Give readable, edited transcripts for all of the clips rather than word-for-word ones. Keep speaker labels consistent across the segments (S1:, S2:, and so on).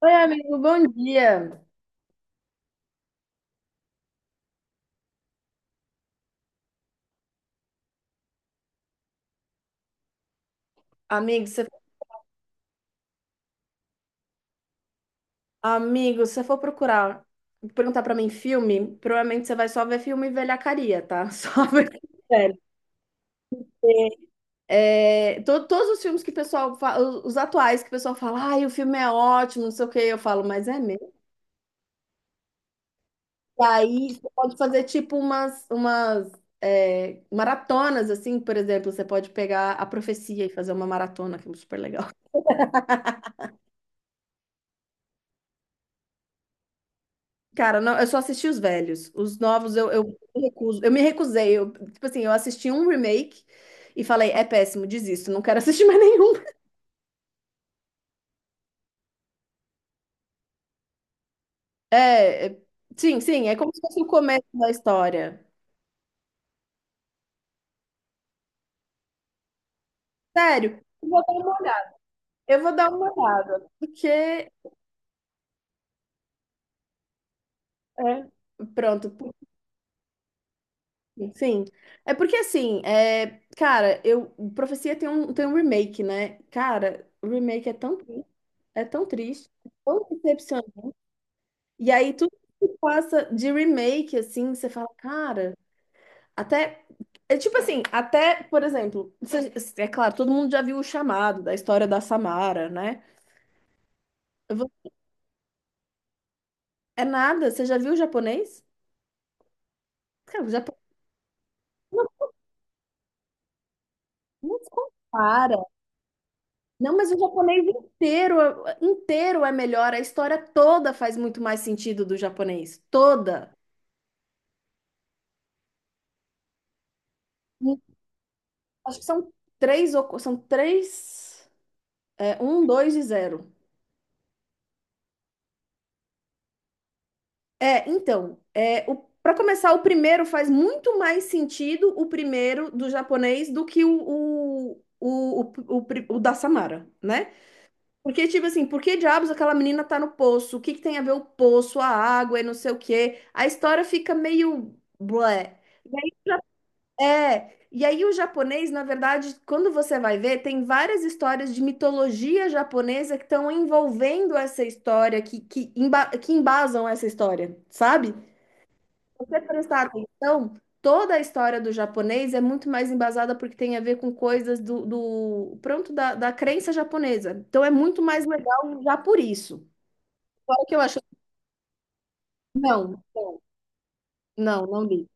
S1: Oi, amigo, bom dia. Amigo, você, amigo, se você for procurar, perguntar pra mim filme, provavelmente você vai só ver filme velhacaria, tá? Só ver filme velho. É, todos os filmes que o pessoal fala, os atuais que o pessoal fala, ai, o filme é ótimo, não sei o que, eu falo, mas é mesmo. E aí você pode fazer tipo umas maratonas, assim, por exemplo, você pode pegar A Profecia e fazer uma maratona, que é super legal. Cara, não, eu só assisti os velhos. Os novos eu me recuso. Eu me recusei. Eu, tipo assim, eu assisti um remake e falei, é péssimo, desisto, não quero assistir mais nenhum. É, é- sim, sim, é como se fosse o começo da história. Sério, eu vou dar uma olhada. Eu vou dar uma olhada, porque é, pronto, sim. É porque assim, é, cara, eu Profecia tem um remake, né? Cara, o remake é tão triste, é tão triste, é tão decepcionante. E aí tudo que passa de remake, assim, você fala, cara, até. É tipo assim, até, por exemplo, é claro, todo mundo já viu o chamado da história da Samara, né? Vo- É nada, você já viu o japonês? Cara, o japonês não não se compara. Não, mas o japonês inteiro, inteiro é melhor. A história toda faz muito mais sentido do japonês. Toda. Acho que são três, um, dois e zero. É, então, é, para começar, o primeiro faz muito mais sentido, o primeiro do japonês, do que o da Samara, né? Porque, tipo assim, por que diabos aquela menina tá no poço? O que que tem a ver o poço, a água e não sei o quê? A história fica meio blé. E aí, e aí o japonês, na verdade, quando você vai ver, tem várias histórias de mitologia japonesa que estão envolvendo essa história, que embasam essa história, sabe? Se você prestar atenção, toda a história do japonês é muito mais embasada porque tem a ver com coisas do, do pronto, da, da crença japonesa. Então é muito mais legal já por isso. Fora que eu acho. Não, não, não, não li.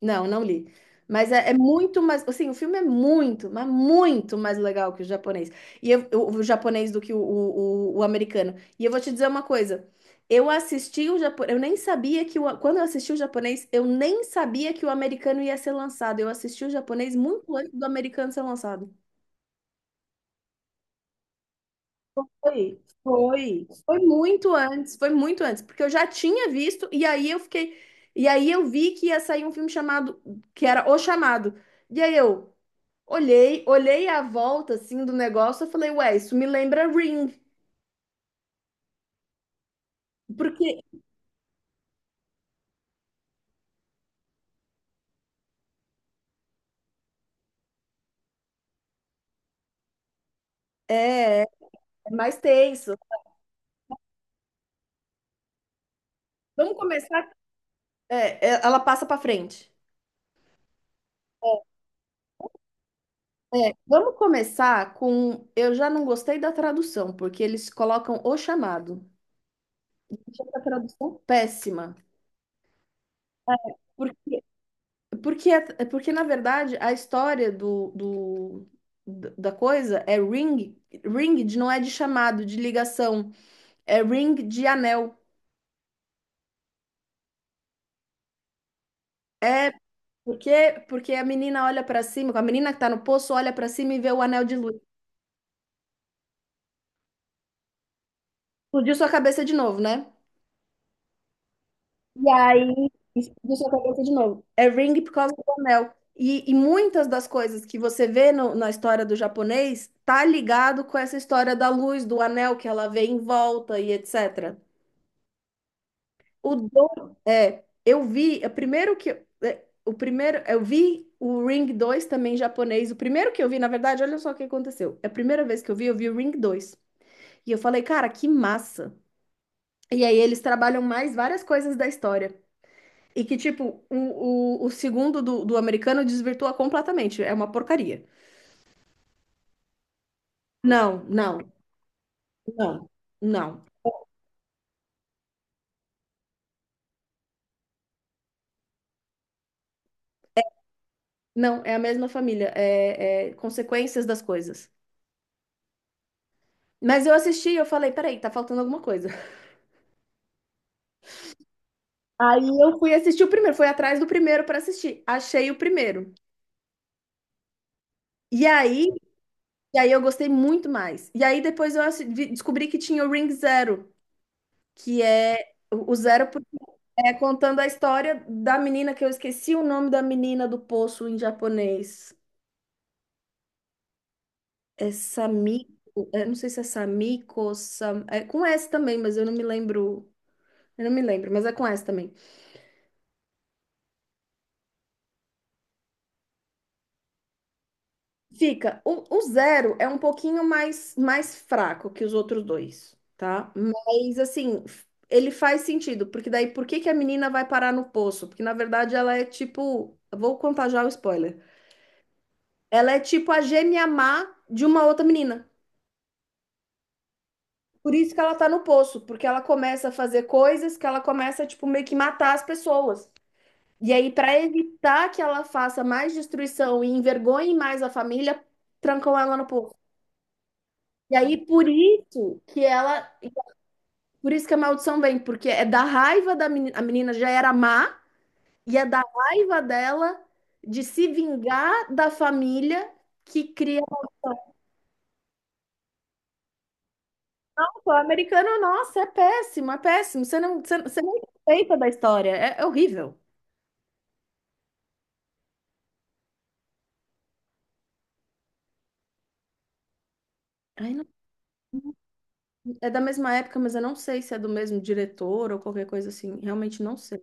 S1: Não, não li. Mas é muito mais. Assim, o filme é muito, mas muito mais legal que o japonês. E eu, o japonês do que o americano. E eu vou te dizer uma coisa. Eu assisti o japonês. Eu nem sabia que o. Quando eu assisti o japonês, eu nem sabia que o americano ia ser lançado. Eu assisti o japonês muito antes do americano ser lançado. Foi, foi. Foi muito antes, porque eu já tinha visto, e aí eu fiquei. E aí eu vi que ia sair um filme chamado, que era O Chamado. E aí eu. Olhei, olhei a volta assim do negócio, eu falei, ué, isso me lembra Ring, porque é mais tenso. Vamos começar. Ela passa pra frente. É, vamos começar com. Eu já não gostei da tradução, porque eles colocam o chamado. Achei a tradução péssima. Por- Porque, porque na verdade, a história da coisa é ring, ring de, não é de chamado, de ligação, é ring de anel. Porque a menina olha pra cima, a menina que tá no poço olha pra cima e vê o anel de luz. Explodiu sua cabeça de novo, né? E aí, explodiu sua cabeça de novo. É ring por causa do anel. E muitas das coisas que você vê na história do japonês tá ligado com essa história da luz, do anel que ela vê em volta e etc. O do, é, eu vi, é, primeiro que é, o primeiro, eu vi o Ring 2 também em japonês. O primeiro que eu vi, na verdade, olha só o que aconteceu. É a primeira vez que eu vi o Ring dois. E eu falei, cara, que massa. E aí eles trabalham mais várias coisas da história. E que, tipo, o segundo do americano desvirtua completamente. É uma porcaria. Não, não, não, não. Não, é a mesma família. É, é consequências das coisas. Mas eu assisti e eu falei, peraí, tá faltando alguma coisa. Aí eu fui assistir o primeiro, fui atrás do primeiro pra assistir. Achei o primeiro. E aí, e aí eu gostei muito mais. E aí depois eu descobri que tinha o Ring Zero, que é o zero por cento. É contando a história da menina que eu esqueci o nome da menina do poço em japonês. É Samiko, eu não sei se é Samiko, Sam, é com S também, mas eu não me lembro. Eu não me lembro, mas é com S também. Fica, o zero é um pouquinho mais, mais fraco que os outros dois, tá? Mas assim, ele faz sentido, porque daí por que que a menina vai parar no poço? Porque na verdade ela é tipo, vou contar já o spoiler. Ela é tipo a gêmea má de uma outra menina. Por isso que ela tá no poço, porque ela começa a fazer coisas que ela começa, tipo, meio que matar as pessoas. E aí, para evitar que ela faça mais destruição e envergonhe mais a família, trancam ela no poço. E aí, por isso que ela. Por isso que a maldição vem, porque é da raiva da menina. A menina já era má, e é da raiva dela de se vingar da família que cria. Nossa, o americano, nossa, é péssimo, é péssimo. Você não, você não respeita da história. É, é horrível. Ai, não- É da mesma época, mas eu não sei se é do mesmo diretor ou qualquer coisa assim. Realmente não sei.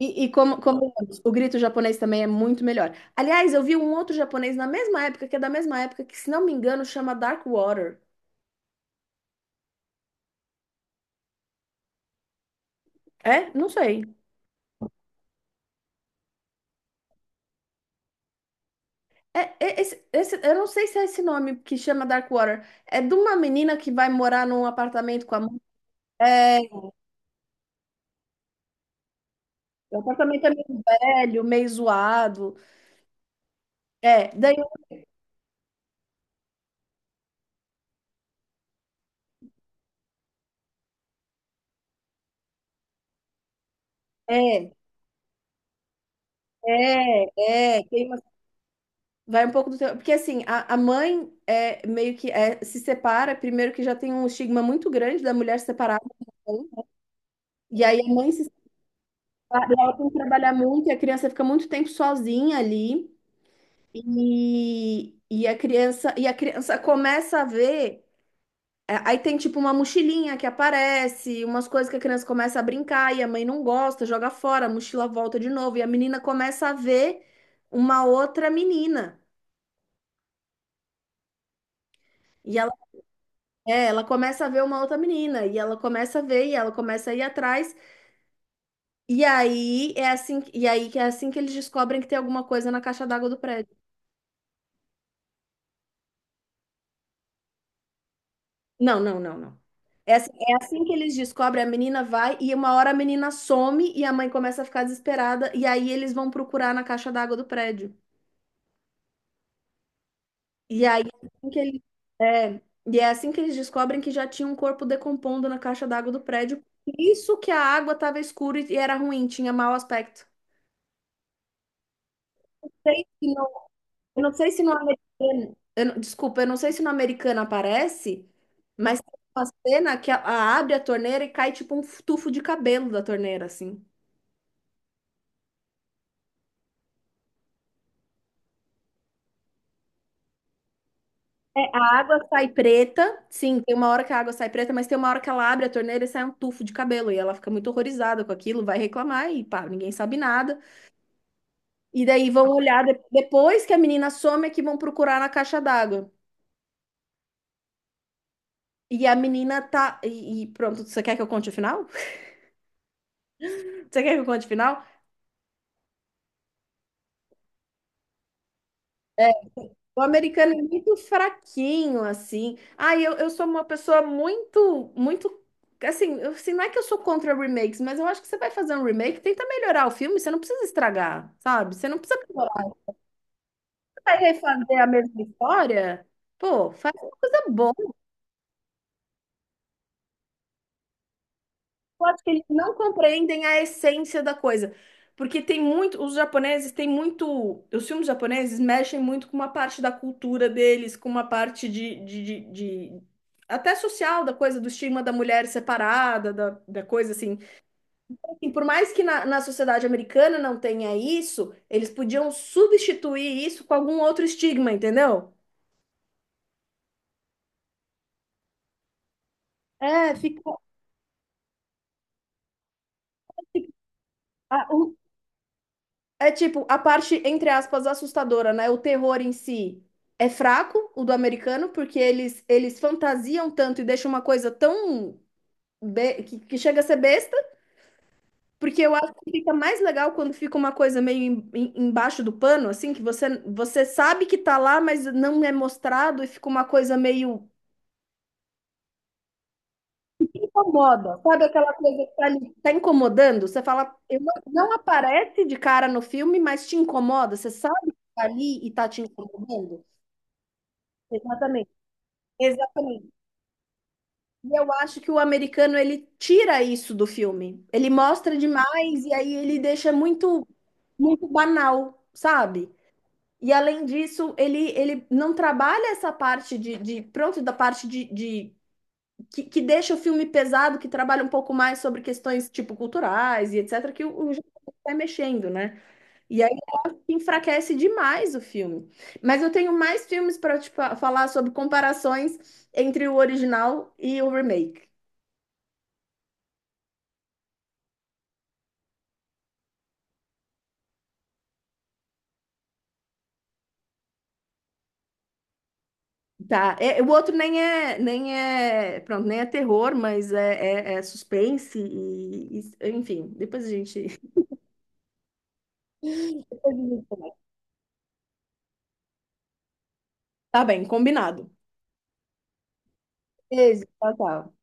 S1: E como, como o grito japonês também é muito melhor. Aliás, eu vi um outro japonês na mesma época, que é da mesma época, que, se não me engano, chama Dark Water. É? Não sei. Esse, eu não sei se é esse nome que chama Dark Water. É de uma menina que vai morar num apartamento com a mãe. É, o apartamento é meio velho, meio zoado. É, daí é, tem vai um pouco do teu, porque assim, a mãe é meio que é, se separa, primeiro que já tem um estigma muito grande da mulher separada, e aí a mãe se separa, ela tem que trabalhar muito e a criança fica muito tempo sozinha ali. E a criança começa a ver. É, aí tem tipo uma mochilinha que aparece, umas coisas que a criança começa a brincar e a mãe não gosta, joga fora, a mochila volta de novo e a menina começa a ver uma outra menina. E ela, é, ela começa a ver uma outra menina e ela começa a ver e ela começa a ir atrás. E aí é assim, e aí que é assim que eles descobrem que tem alguma coisa na caixa d'água do prédio. Não, não, não, não. É assim que eles descobrem, a menina vai e uma hora a menina some e a mãe começa a ficar desesperada e aí eles vão procurar na caixa d'água do prédio. E aí, é, e é assim que eles descobrem que já tinha um corpo decompondo na caixa d'água do prédio. Isso que a água estava escura e era ruim, tinha mau aspecto. Sei se no- Eu não sei se no americano, eu desculpa, eu não sei se no americano aparece, mas tem uma cena que a, abre a torneira e cai tipo um tufo de cabelo da torneira, assim. É, a água sai preta, sim, tem uma hora que a água sai preta, mas tem uma hora que ela abre a torneira e sai um tufo de cabelo, e ela fica muito horrorizada com aquilo, vai reclamar e pá, ninguém sabe nada. E daí vão olhar depois que a menina some é que vão procurar na caixa d'água. E a menina tá. E pronto, você quer que eu conte o final? Você quer que eu conte o final? É, o americano é muito fraquinho, assim. Ah, eu sou uma pessoa muito, muito. Assim, eu, assim, não é que eu sou contra remakes, mas eu acho que você vai fazer um remake, tenta melhorar o filme, você não precisa estragar, sabe? Você não precisa piorar. Vai refazer a mesma história? Pô, faz uma coisa boa. Eu acho que eles não compreendem a essência da coisa. Porque tem muito, os japoneses têm muito, os filmes japoneses mexem muito com uma parte da cultura deles, com uma parte de, até social da coisa, do estigma da mulher separada, da, da coisa assim. Assim, por mais que na, na sociedade americana não tenha isso, eles podiam substituir isso com algum outro estigma, entendeu? É, fica. É tipo, a parte, entre aspas, assustadora, né? O terror em si é fraco, o do americano, porque eles fantasiam tanto e deixam uma coisa tão. Que chega a ser besta, porque eu acho que fica mais legal quando fica uma coisa meio embaixo do pano, assim, que você, você sabe que tá lá, mas não é mostrado e fica uma coisa meio. Incomoda, sabe aquela coisa que tá ali, tá incomodando? Você fala, eu não, não aparece de cara no filme, mas te incomoda, você sabe que tá ali e tá te incomodando? Exatamente. Exatamente. E eu acho que o americano ele tira isso do filme. Ele mostra demais e aí ele deixa muito muito banal, sabe? E além disso, ele não trabalha essa parte de pronto, da parte de que deixa o filme pesado, que trabalha um pouco mais sobre questões tipo culturais e etc, que o japonês vai mexendo, né? Enfraquece demais o filme. Mas eu tenho mais filmes para te falar sobre comparações entre o original e o remake. Tá. É, o outro nem é, nem é, pronto, nem é terror, mas é, é, é suspense e, enfim, depois a gente... Depois a gente conversa. Tá bem, combinado. Beijo, tchau, tchau.